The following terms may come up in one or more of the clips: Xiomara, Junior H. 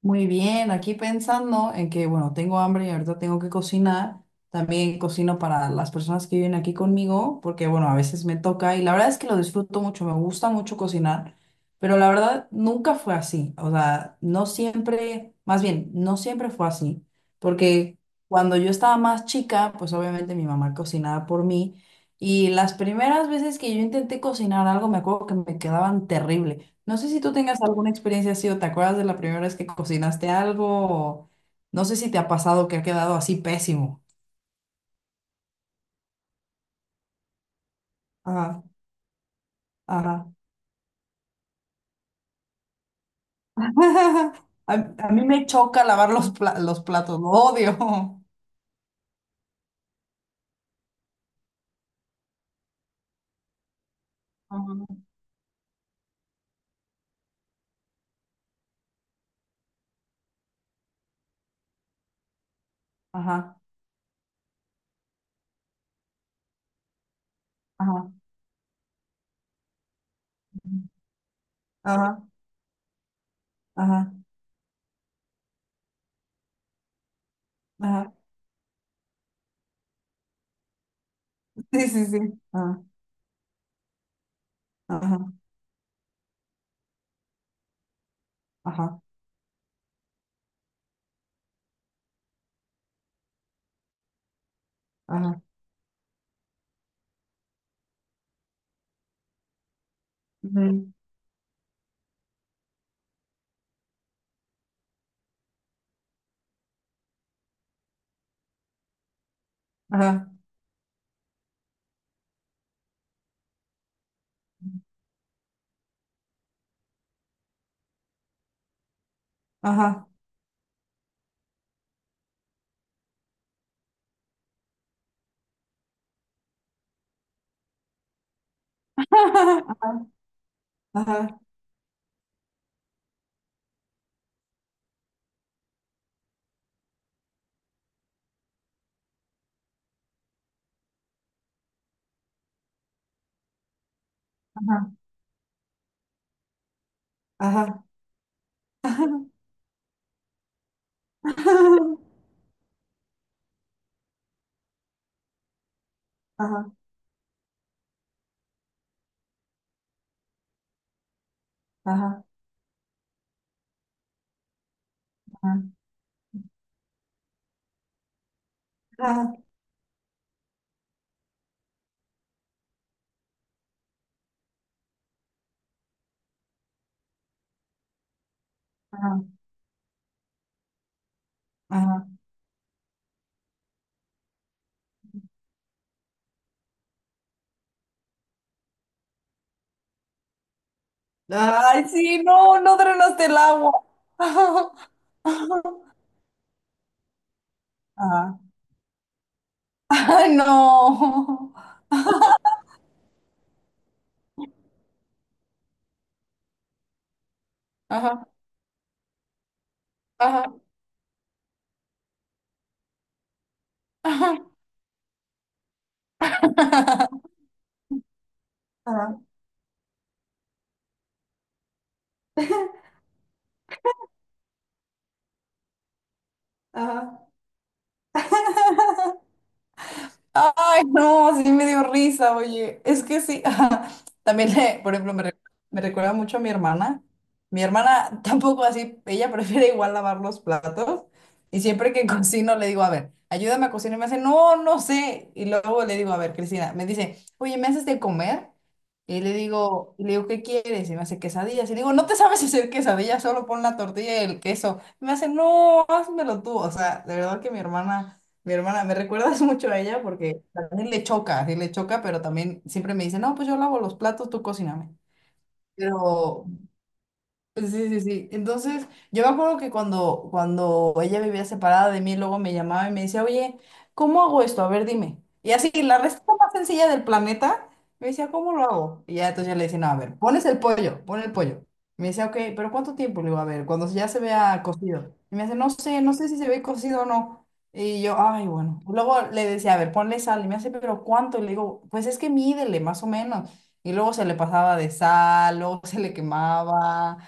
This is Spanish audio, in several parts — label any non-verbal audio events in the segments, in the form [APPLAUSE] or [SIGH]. Muy bien, aquí pensando en que, bueno, tengo hambre y ahorita tengo que cocinar. También cocino para las personas que viven aquí conmigo, porque, bueno, a veces me toca y la verdad es que lo disfruto mucho, me gusta mucho cocinar, pero la verdad nunca fue así. O sea, no siempre, más bien, no siempre fue así, porque cuando yo estaba más chica, pues obviamente mi mamá cocinaba por mí y las primeras veces que yo intenté cocinar algo, me acuerdo que me quedaban terribles. No sé si tú tengas alguna experiencia así o te acuerdas de la primera vez que cocinaste algo o no sé si te ha pasado que ha quedado así pésimo. Ajá, ajá. [LAUGHS] A mí me choca lavar los platos, lo odio. [LAUGHS] Ajá, ajá, ajá, ajá, ajá, ajá. [LAUGHS] Sí, sí, sí. Ajá, ajá, ajá, ajá. Ujú. Ajá, ajá. [LAUGHS] Ajá, ajá, ajá, ajá. [LAUGHS] Ajá, ajá, ajá, ajá. Ajá. Ay, sí, no, no drenaste el agua. [LAUGHS] Ajá. Ajá. Ay, no. Ajá, ajá, [LAUGHS] ajá, ajá. Ajá. Ay, no, sí me dio risa, oye. Es que sí, [LAUGHS] ajá. También, por ejemplo, me recuerda mucho a mi hermana. Mi hermana [LAUGHS] tampoco así, ella prefiere igual lavar los platos. Y siempre que [LAUGHS] cocino le digo, a ver, ayúdame a cocinar. Y me hace, no, no sé. Y luego le digo, a ver, Cristina, me dice, oye, ¿me haces de comer? Y le digo, ¿qué quieres? Y me hace quesadillas. Y le digo, no te sabes hacer quesadillas, solo pon la tortilla y el queso. Y me hace, no, házmelo tú. O sea, de verdad que mi hermana. Mi hermana, me recuerdas [LAUGHS] mucho a ella porque también le choca, sí le choca, pero también siempre me dice, no, pues yo lavo los platos, tú cocíname. Pero, Sí, sí, sí. Entonces, yo me acuerdo que cuando ella vivía separada de mí, luego me llamaba y me decía, oye, ¿cómo hago esto? A ver, dime. Y así, la receta más sencilla del planeta, me decía, ¿cómo lo hago? Y ya entonces yo le decía, no, a ver, pones el pollo, pon el pollo. Me decía, ok, pero ¿cuánto tiempo? Le digo, a ver, cuando ya se vea cocido. Y me dice, no sé, no sé si se ve cocido o no. Y yo, ay, bueno. Luego le decía, a ver, ponle sal. Y me hace, pero ¿cuánto? Y le digo, pues es que mídele, más o menos. Y luego se le pasaba de sal, luego [LAUGHS] se le quemaba.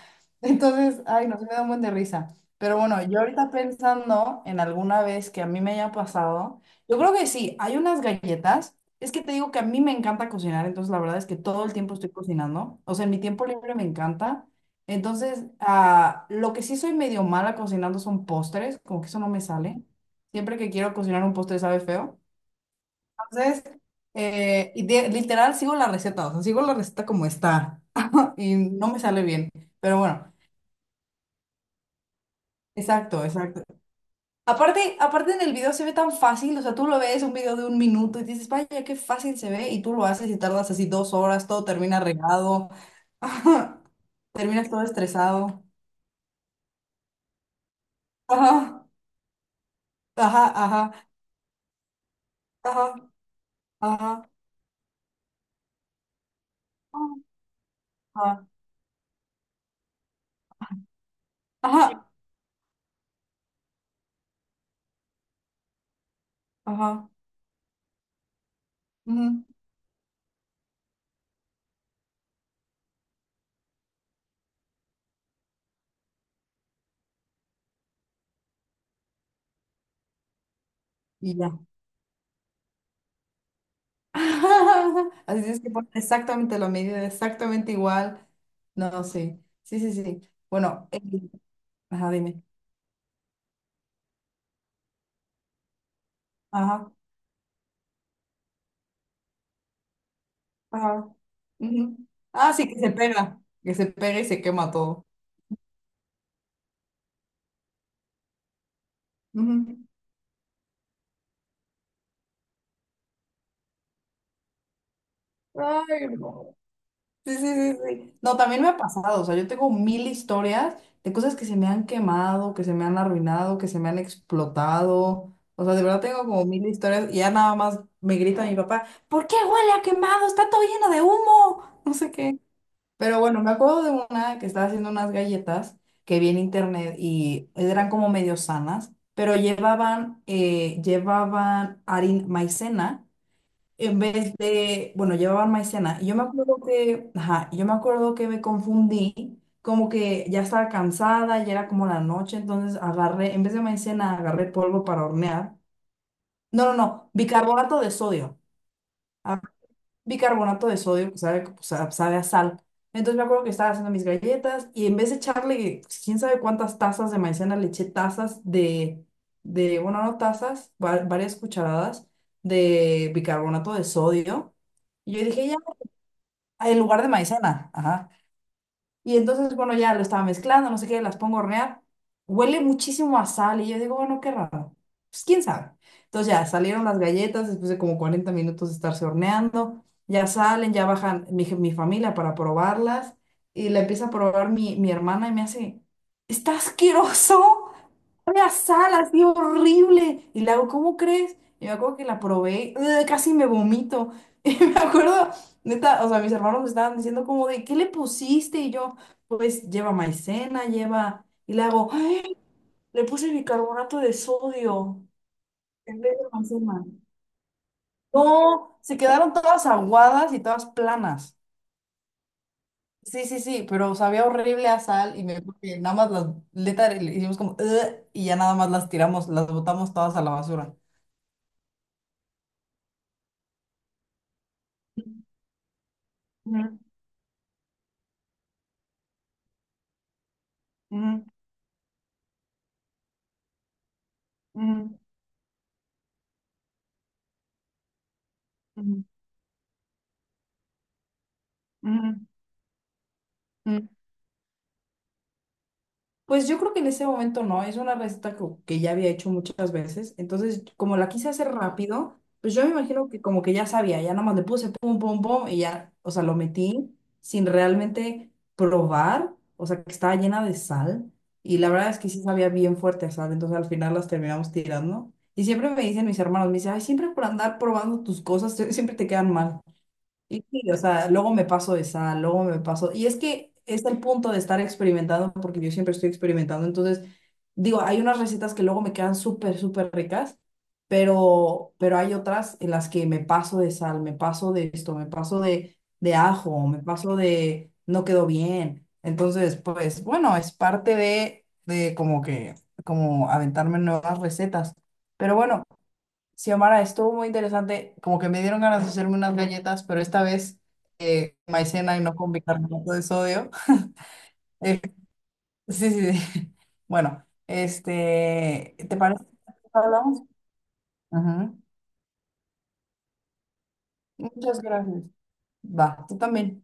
Entonces, ay, no, se me da un buen de risa. Pero bueno, yo ahorita pensando en alguna vez que a mí me haya pasado, yo creo que sí, hay unas galletas. Es que te digo que a mí me encanta cocinar, entonces la verdad es que todo el tiempo estoy cocinando. O sea, en mi tiempo libre me encanta. Entonces, ah, lo que sí soy medio mala cocinando son postres, como que eso no me sale. Siempre que quiero cocinar un postre sabe feo. Entonces, literal sigo la receta, o sea, sigo la receta como está [LAUGHS] y no me sale bien. Pero bueno. Exacto, exacto. Aparte, aparte en el video se ve tan fácil, o sea, tú lo ves un video de 1 minuto y dices, vaya, qué fácil se ve, y tú lo haces y tardas así 2 horas, todo termina regado, [LAUGHS] ajá, terminas todo estresado. Ajá, ajá, ajá, ajá, ajá, ajá, ajá, ajá, ujú, y ya. [LAUGHS] Así es que pones exactamente lo medida, exactamente igual. No, sí, sí, sí, sí. Bueno, ajá, dime. Ajá. Ujú. Ah, sí, que se pega. Que se pega y se quema todo. Ujú. Ay, no. Sí, sí, sí, sí. No, también me ha pasado. O sea, yo tengo mil historias de cosas que se me han quemado, que se me han arruinado, que se me han explotado. O sea, de verdad tengo como mil historias y ya nada más me grita mi papá, ¿por qué huele a quemado? Está todo lleno de humo. No sé qué. Pero bueno, me acuerdo de una que estaba haciendo unas galletas que vi en internet y eran como medio sanas, pero llevaban harina, maicena en vez de, bueno, llevaban maicena. Y yo me acuerdo que, ajá, yo me acuerdo que me confundí, como que ya estaba cansada, ya era como la noche, entonces agarré, en vez de maicena, agarré polvo para hornear. No, no, no, bicarbonato de sodio que sabe, pues, sabe a sal. Entonces me acuerdo que estaba haciendo mis galletas y en vez de echarle pues, quién sabe cuántas tazas de maicena, le eché tazas de, bueno, no tazas, varias cucharadas de bicarbonato de sodio. Y yo dije, ya, en lugar de maicena, ajá. Y entonces, bueno, ya lo estaba mezclando, no sé qué, las pongo a hornear. Huele muchísimo a sal y yo digo, bueno, qué raro. Pues quién sabe. Entonces ya salieron las galletas después de como 40 minutos de estarse horneando. Ya salen, ya bajan mi familia para probarlas. Y la empieza a probar mi hermana y me hace, está asqueroso. Sabe a sal, así horrible. Y le hago, ¿cómo crees? Y me acuerdo que la probé, ¡ugh! Casi me vomito. [LAUGHS] Y me acuerdo, neta, o sea, mis hermanos me estaban diciendo como de, ¿qué le pusiste? Y yo, pues lleva maicena, lleva, y le hago, ¡ay! Le puse bicarbonato de sodio en vez de maicena. No, se quedaron todas aguadas y todas planas. Sí, sí, sí, pero sabía horrible a sal y me acuerdo que nada más las neta, le hicimos como "ugh", y ya nada más las tiramos, las botamos todas a la basura. Ujú, ujú, ujú, ujú, ujú, ujú. Pues yo creo que en ese momento no, es una receta que ya había hecho muchas veces, entonces como la quise hacer rápido, pues yo me imagino que como que ya sabía, ya nomás le puse pum, pum, pum y ya, o sea, lo metí sin realmente probar, o sea, que estaba llena de sal y la verdad es que sí sabía bien fuerte a sal, entonces al final las terminamos tirando y siempre me dicen mis hermanos, me dicen, ay, siempre por andar probando tus cosas, [LAUGHS] siempre te quedan mal. Y sí, o sea, luego me paso de sal, luego me paso. Y es que es el punto de estar experimentando, porque yo siempre estoy experimentando. Entonces, digo, hay unas recetas que luego me quedan súper, súper ricas, pero hay otras en las que me paso de sal, me paso de esto, me paso de ajo, me paso de no quedó bien. Entonces, pues bueno, es parte de, como que, como aventarme nuevas recetas. Pero bueno. Xiomara, estuvo muy interesante. Como que me dieron ganas de hacerme unas galletas, pero esta vez maicena y no con bicarbonato de sodio. Eh, [LAUGHS] sí, sí, sí. [LAUGHS] Bueno, este, ¿te parece que hablamos? Ujú. Muchas gracias. Va, tú también.